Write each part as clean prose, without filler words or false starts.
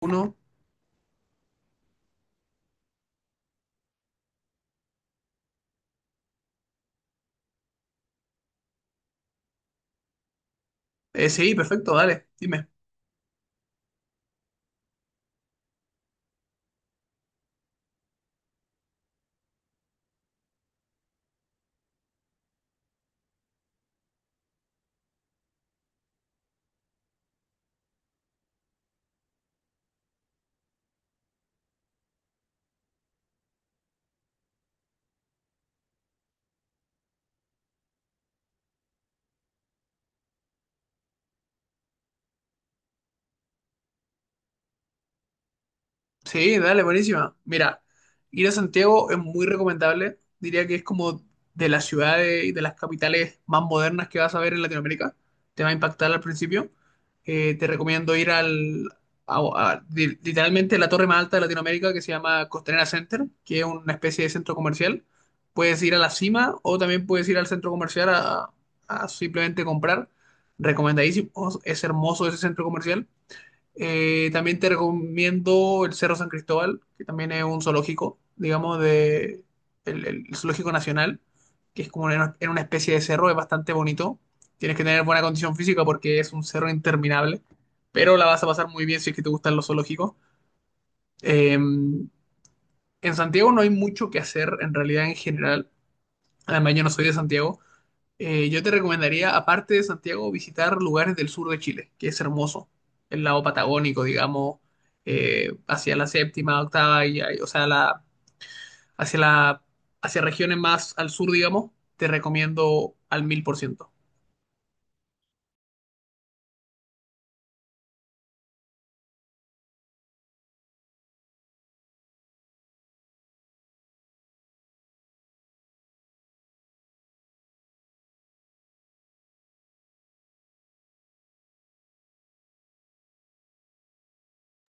Uno. Sí, perfecto, dale, dime. Sí, dale, buenísima. Mira, ir a Santiago es muy recomendable. Diría que es como de las ciudades y de las capitales más modernas que vas a ver en Latinoamérica. Te va a impactar al principio. Te recomiendo ir al, a- literalmente la torre más alta de Latinoamérica que se llama Costanera Center, que es una especie de centro comercial. Puedes ir a la cima o también puedes ir al centro comercial a, simplemente comprar. Recomendadísimo, es hermoso ese centro comercial. También te recomiendo el Cerro San Cristóbal, que también es un zoológico, digamos, de el Zoológico Nacional, que es como en una, especie de cerro, es bastante bonito. Tienes que tener buena condición física porque es un cerro interminable, pero la vas a pasar muy bien si es que te gustan los zoológicos. En Santiago no hay mucho que hacer, en realidad, en general. Además, yo no soy de Santiago. Yo te recomendaría, aparte de Santiago, visitar lugares del sur de Chile, que es hermoso. El lado patagónico, digamos, hacia la séptima, octava, o sea, hacia la, hacia regiones más al sur, digamos, te recomiendo al 1000%.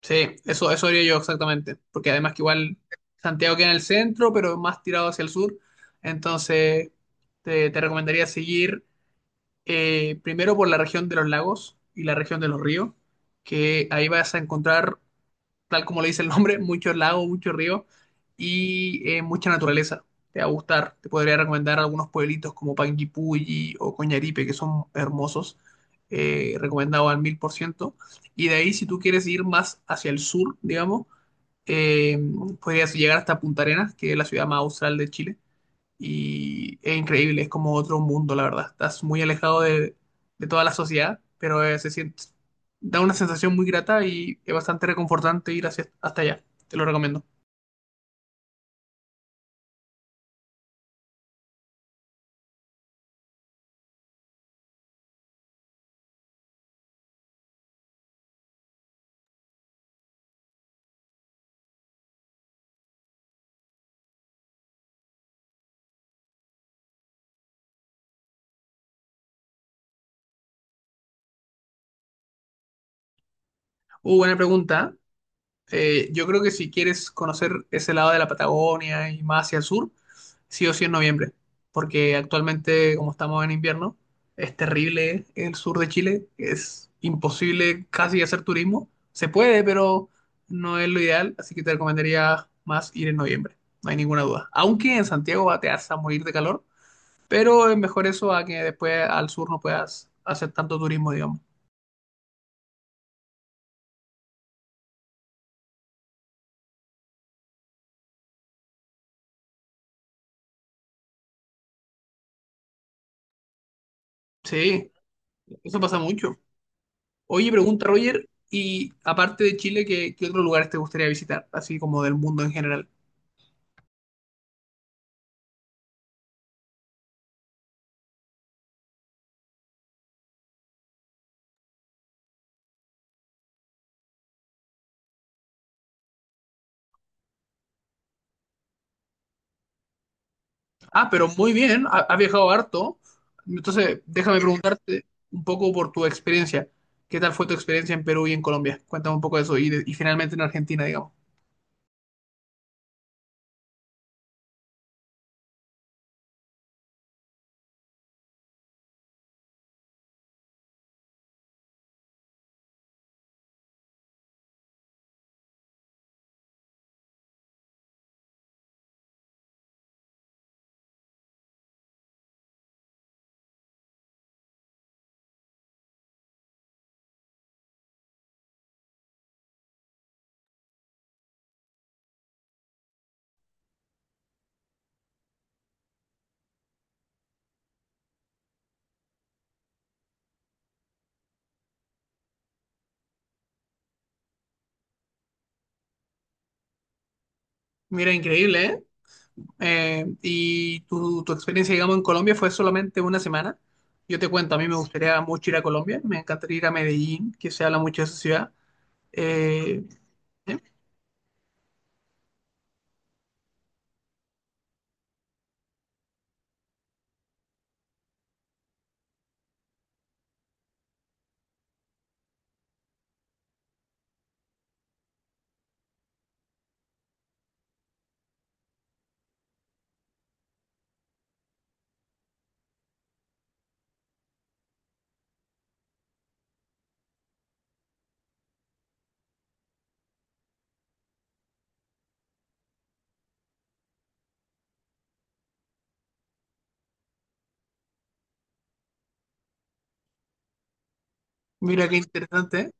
Sí, eso haría yo exactamente, porque además que igual Santiago queda en el centro, pero más tirado hacia el sur, entonces te recomendaría seguir. Primero por la región de los lagos y la región de los ríos, que ahí vas a encontrar, tal como le dice el nombre, muchos lagos, muchos ríos y mucha naturaleza. Te va a gustar. Te podría recomendar algunos pueblitos como Panguipulli o Coñaripe, que son hermosos. Recomendado al 1000%. Y de ahí, si tú quieres ir más hacia el sur, digamos, eh, podrías llegar hasta Punta Arenas, que es la ciudad más austral de Chile y es increíble, es como otro mundo, la verdad. Estás muy alejado de, toda la sociedad, pero se siente, da una sensación muy grata y es bastante reconfortante ir hasta allá. Te lo recomiendo. Buena pregunta. Yo creo que si quieres conocer ese lado de la Patagonia y más hacia el sur, sí o sí en noviembre, porque actualmente, como estamos en invierno, es terrible el sur de Chile, es imposible casi hacer turismo. Se puede, pero no es lo ideal, así que te recomendaría más ir en noviembre, no hay ninguna duda. Aunque en Santiago te vas a morir de calor, pero es mejor eso a que después al sur no puedas hacer tanto turismo, digamos. Sí, eso pasa mucho. Oye, pregunta Roger, y aparte de Chile, ¿qué otros lugares te gustaría visitar? Así como del mundo en general. Ah, pero muy bien, has viajado harto. Entonces, déjame preguntarte un poco por tu experiencia. ¿Qué tal fue tu experiencia en Perú y en Colombia? Cuéntame un poco de eso. Y finalmente en Argentina, digamos. Mira, increíble, ¿eh? Y tu experiencia, digamos, en Colombia fue solamente una semana. Yo te cuento, a mí me gustaría mucho ir a Colombia, me encantaría ir a Medellín, que se habla mucho de esa ciudad. Eh, eh, mira qué interesante. ¿Eh?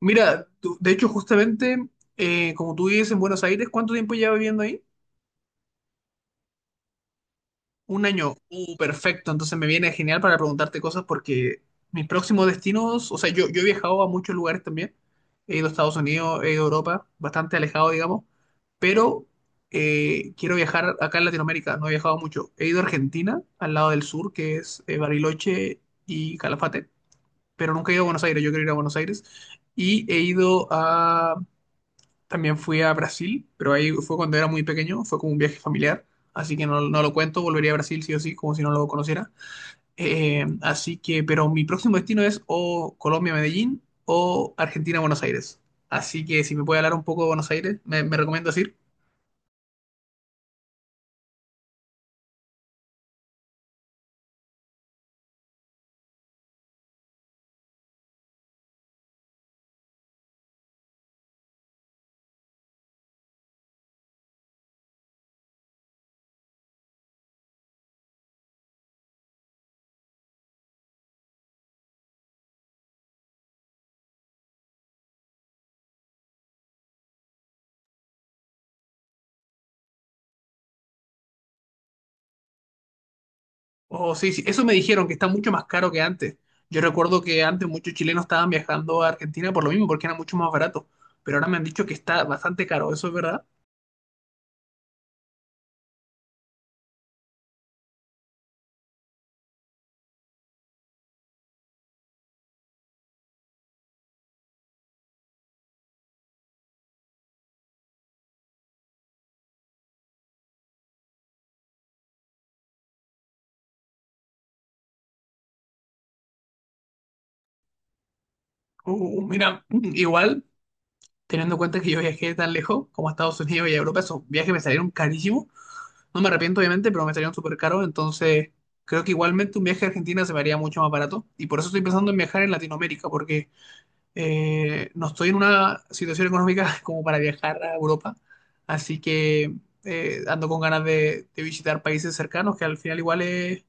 Mira, de hecho, justamente, como tú vives en Buenos Aires, ¿cuánto tiempo llevas viviendo ahí? Un año, perfecto. Entonces me viene genial para preguntarte cosas porque mis próximos destinos, o sea, yo he viajado a muchos lugares también. He ido a Estados Unidos, he ido a Europa, bastante alejado, digamos. Pero quiero viajar acá en Latinoamérica, no he viajado mucho. He ido a Argentina, al lado del sur, que es Bariloche y Calafate, pero nunca he ido a Buenos Aires, yo quiero ir a Buenos Aires. Y he ido también fui a Brasil, pero ahí fue cuando era muy pequeño, fue como un viaje familiar, así que no, no lo cuento, volvería a Brasil sí o sí, como si no lo conociera. Así que, pero mi próximo destino es o Colombia, Medellín o Argentina, Buenos Aires. Así que si me puede hablar un poco de Buenos Aires, me recomiendas ir. O sí, sí, eso me dijeron que está mucho más caro que antes. Yo recuerdo que antes muchos chilenos estaban viajando a Argentina por lo mismo, porque era mucho más barato, pero ahora me han dicho que está bastante caro, ¿eso es verdad? Mira, igual, teniendo en cuenta que yo viajé tan lejos como a Estados Unidos y a Europa, esos viajes me salieron carísimos. No me arrepiento, obviamente, pero me salieron súper caros. Entonces, creo que igualmente un viaje a Argentina se me haría mucho más barato. Y por eso estoy pensando en viajar en Latinoamérica, porque no estoy en una situación económica como para viajar a Europa. Así que ando con ganas de, visitar países cercanos, que al final igual es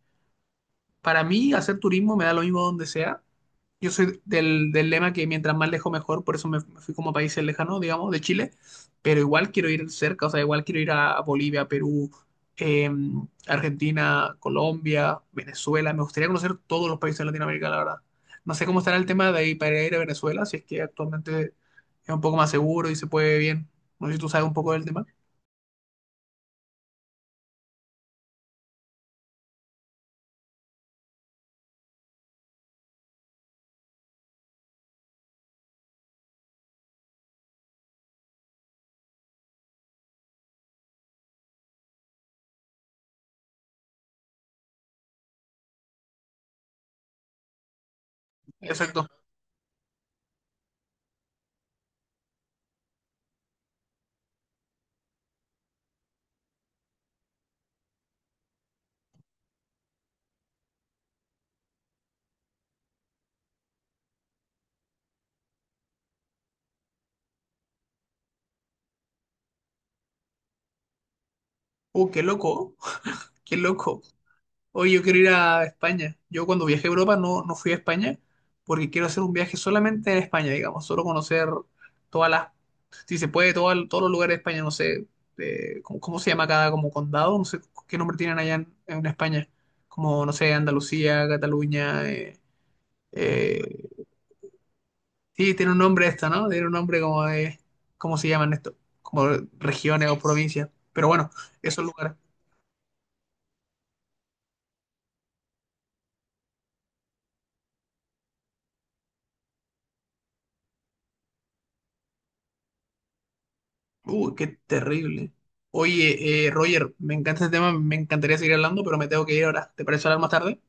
para mí, hacer turismo me da lo mismo donde sea. Yo soy del lema que mientras más lejos mejor, por eso me fui como a países lejanos, digamos, de Chile, pero igual quiero ir cerca, o sea, igual quiero ir a Bolivia, Perú, eh, Argentina, Colombia, Venezuela, me gustaría conocer todos los países de Latinoamérica, la verdad. No sé cómo estará el tema de ahí para ir a Venezuela, si es que actualmente es un poco más seguro y se puede bien. No sé si tú sabes un poco del tema. Exacto. Qué loco, qué loco. Oye, yo quiero ir a España. Yo cuando viajé a Europa no, no fui a España porque quiero hacer un viaje solamente en España, digamos, solo conocer todas las, si se puede, todos los lugares de España, no sé, ¿cómo se llama cada como condado? No sé qué nombre tienen allá en, España, como, no sé, Andalucía, Cataluña. Eh, sí, tiene un nombre esto, ¿no? Tiene un nombre como de, ¿cómo se llaman esto? Como regiones o provincias. Pero bueno, esos lugares. Qué terrible. Oye, Roger, me encanta este tema, me encantaría seguir hablando, pero me tengo que ir ahora. ¿Te parece hablar más tarde?